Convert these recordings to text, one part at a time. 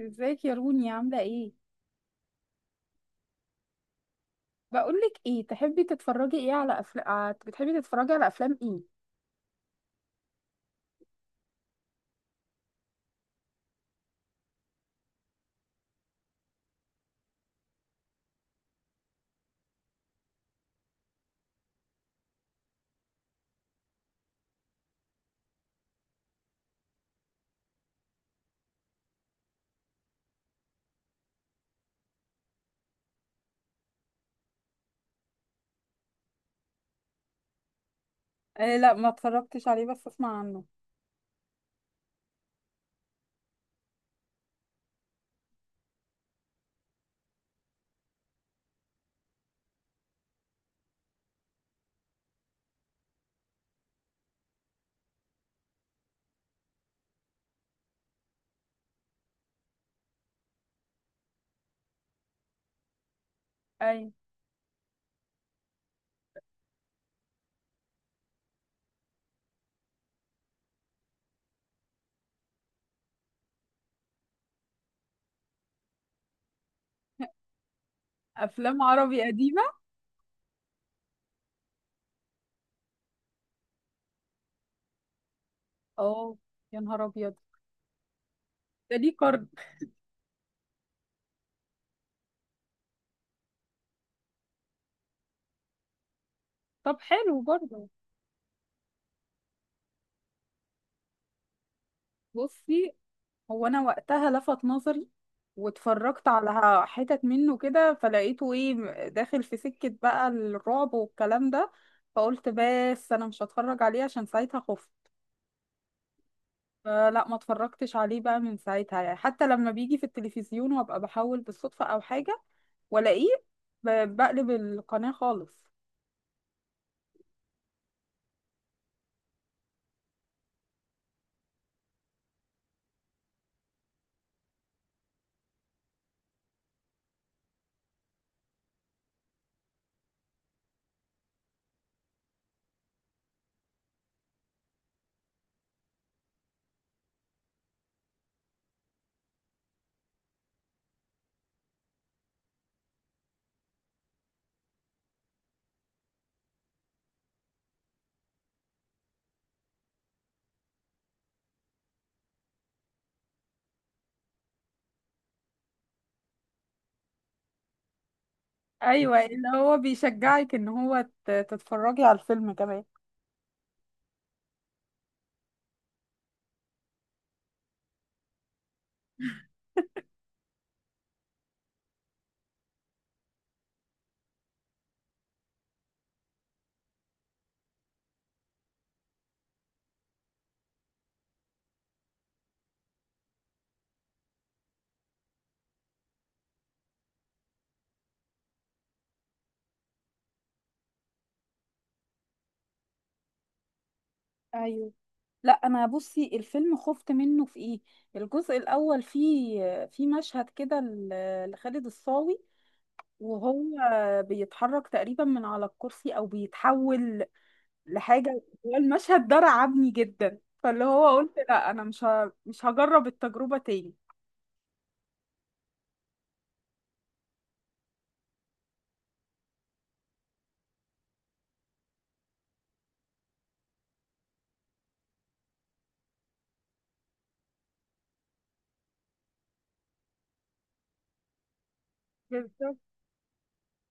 ازيك يا روني؟ عاملة ايه؟ بقولك ايه، تحبي تتفرجي ايه؟ على افلام بتحبي تتفرجي على افلام ايه؟ آه لا، ما اتفرجتش عليه، بس اسمع عنه. اي. افلام عربي قديمة. اه. يا نهار ابيض، ده ليه قرن. طب حلو برضه. بصي، هو انا وقتها لفت نظري واتفرجت على حتت منه كده، فلقيته ايه، داخل في سكة بقى الرعب والكلام ده، فقلت بس انا مش هتفرج عليه عشان ساعتها خفت. فلا، ما اتفرجتش عليه بقى من ساعتها، يعني حتى لما بيجي في التلفزيون وابقى بحاول بالصدفة او حاجة والاقيه، بقلب القناة خالص. ايوه اللي هو بيشجعك ان هو تتفرجي على الفيلم كمان. ايوه، لا انا بصي الفيلم خفت منه في ايه، الجزء الاول فيه، في مشهد كده لخالد الصاوي، وهو بيتحرك تقريبا من على الكرسي او بيتحول لحاجه، هو المشهد ده رعبني جدا، فاللي هو قلت لا انا مش هجرب التجربه تاني. بالظبط،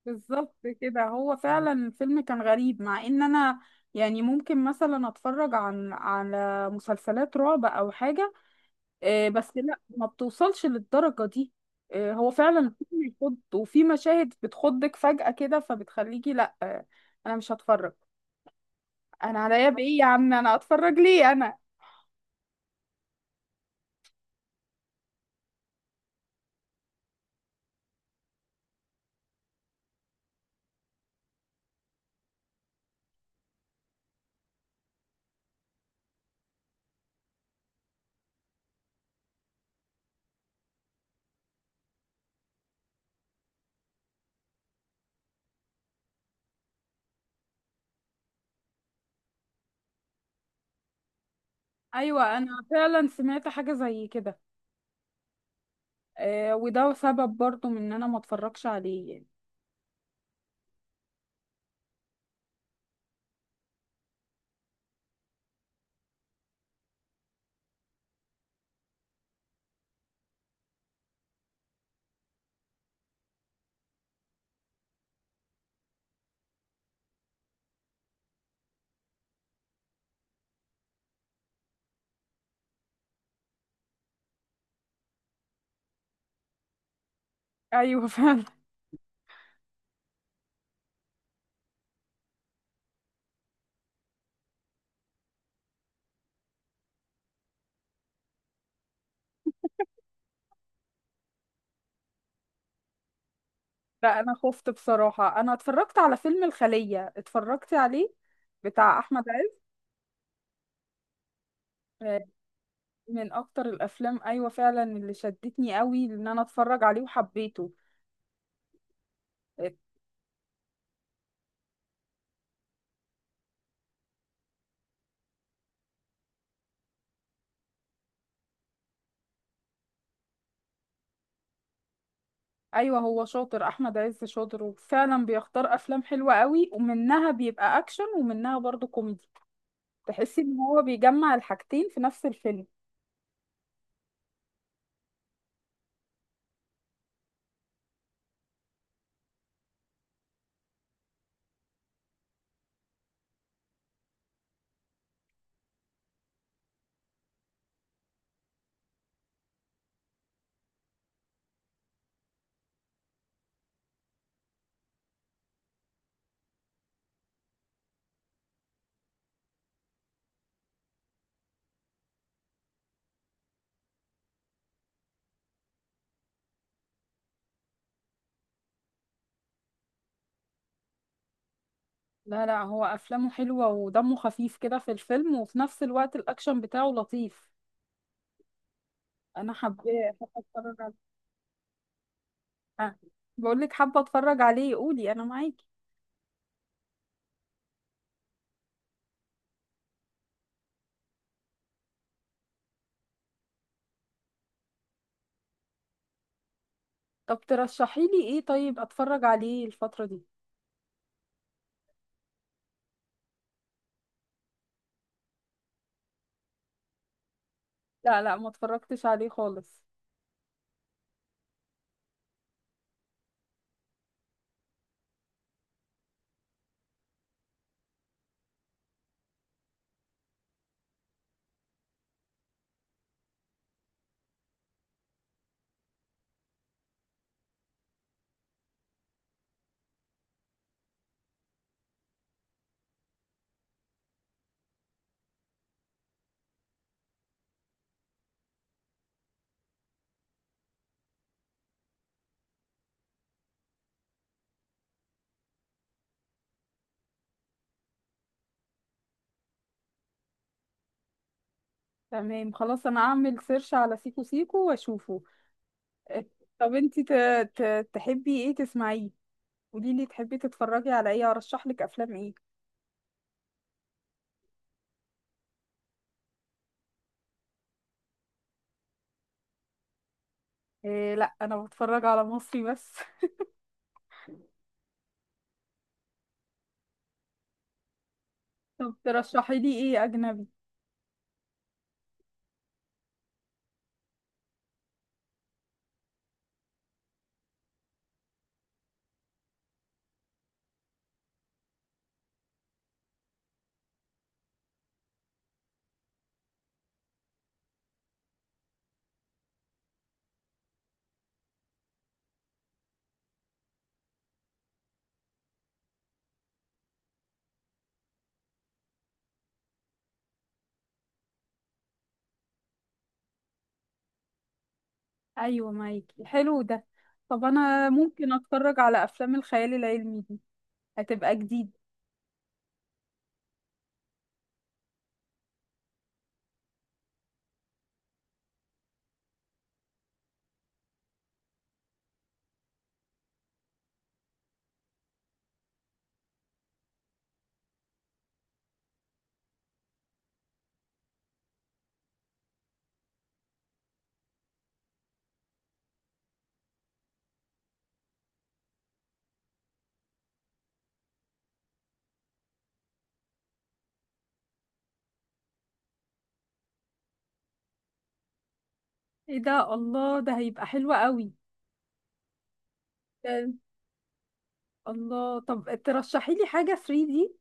بالظبط كده، هو فعلا الفيلم كان غريب، مع ان انا يعني ممكن مثلا اتفرج على مسلسلات رعب او حاجه، بس لا ما بتوصلش للدرجة دي. هو فعلا الفيلم يخض، وفي مشاهد بتخضك فجأة كده، فبتخليكي لا انا مش هتفرج. انا عليا بايه يا عم، انا اتفرج ليه انا؟ ايوه انا فعلا سمعت حاجة زي كده، وده سبب برضو من ان انا ما اتفرجش عليه يعني. ايوه فعلا. لا انا خفت بصراحة، انا اتفرجت على فيلم الخلية، اتفرجت عليه، بتاع احمد عز. آه، من اكتر الافلام، ايوه فعلا اللي شدتني قوي ان انا اتفرج عليه وحبيته. آه، ايوه هو شاطر، احمد عز شاطر، وفعلا بيختار افلام حلوه قوي، ومنها بيبقى اكشن ومنها برضو كوميدي. تحسي ان هو بيجمع الحاجتين في نفس الفيلم. لا لا، هو افلامه حلوه ودمه خفيف كده في الفيلم، وفي نفس الوقت الاكشن بتاعه لطيف. انا حابه، حابه اتفرج عليه. آه. بقول لك حابه اتفرج عليه، قولي انا معاكي. طب ترشحي لي ايه طيب اتفرج عليه الفتره دي؟ لا لا، ما اتفرجتش عليه خالص. تمام، خلاص انا اعمل سيرش على سيكو سيكو واشوفه. طب انتي تحبي ايه تسمعيه؟ قولي لي تحبي تتفرجي على ايه، ارشح لك افلام ايه؟ إيه، لا انا بتفرج على مصري بس. طب ترشحي لي ايه اجنبي؟ ايوه معاكي، حلو ده. طب انا ممكن اتفرج على افلام الخيال العلمي دي؟ هتبقى جديد. ايه ده، الله، ده هيبقى حلو قوي. ده- الله، طب ترشحي لي حاجة 3D.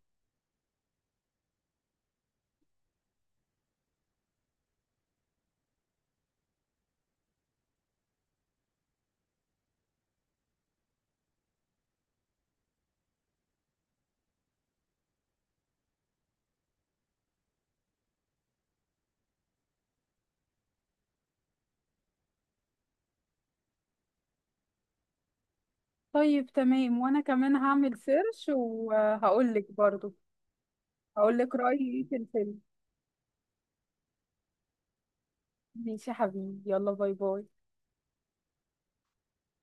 طيب تمام، وانا كمان هعمل سيرش وهقول لك برضو، هقول لك رأيي ايه في الفيلم. ماشي يا حبيبي، يلا باي باي.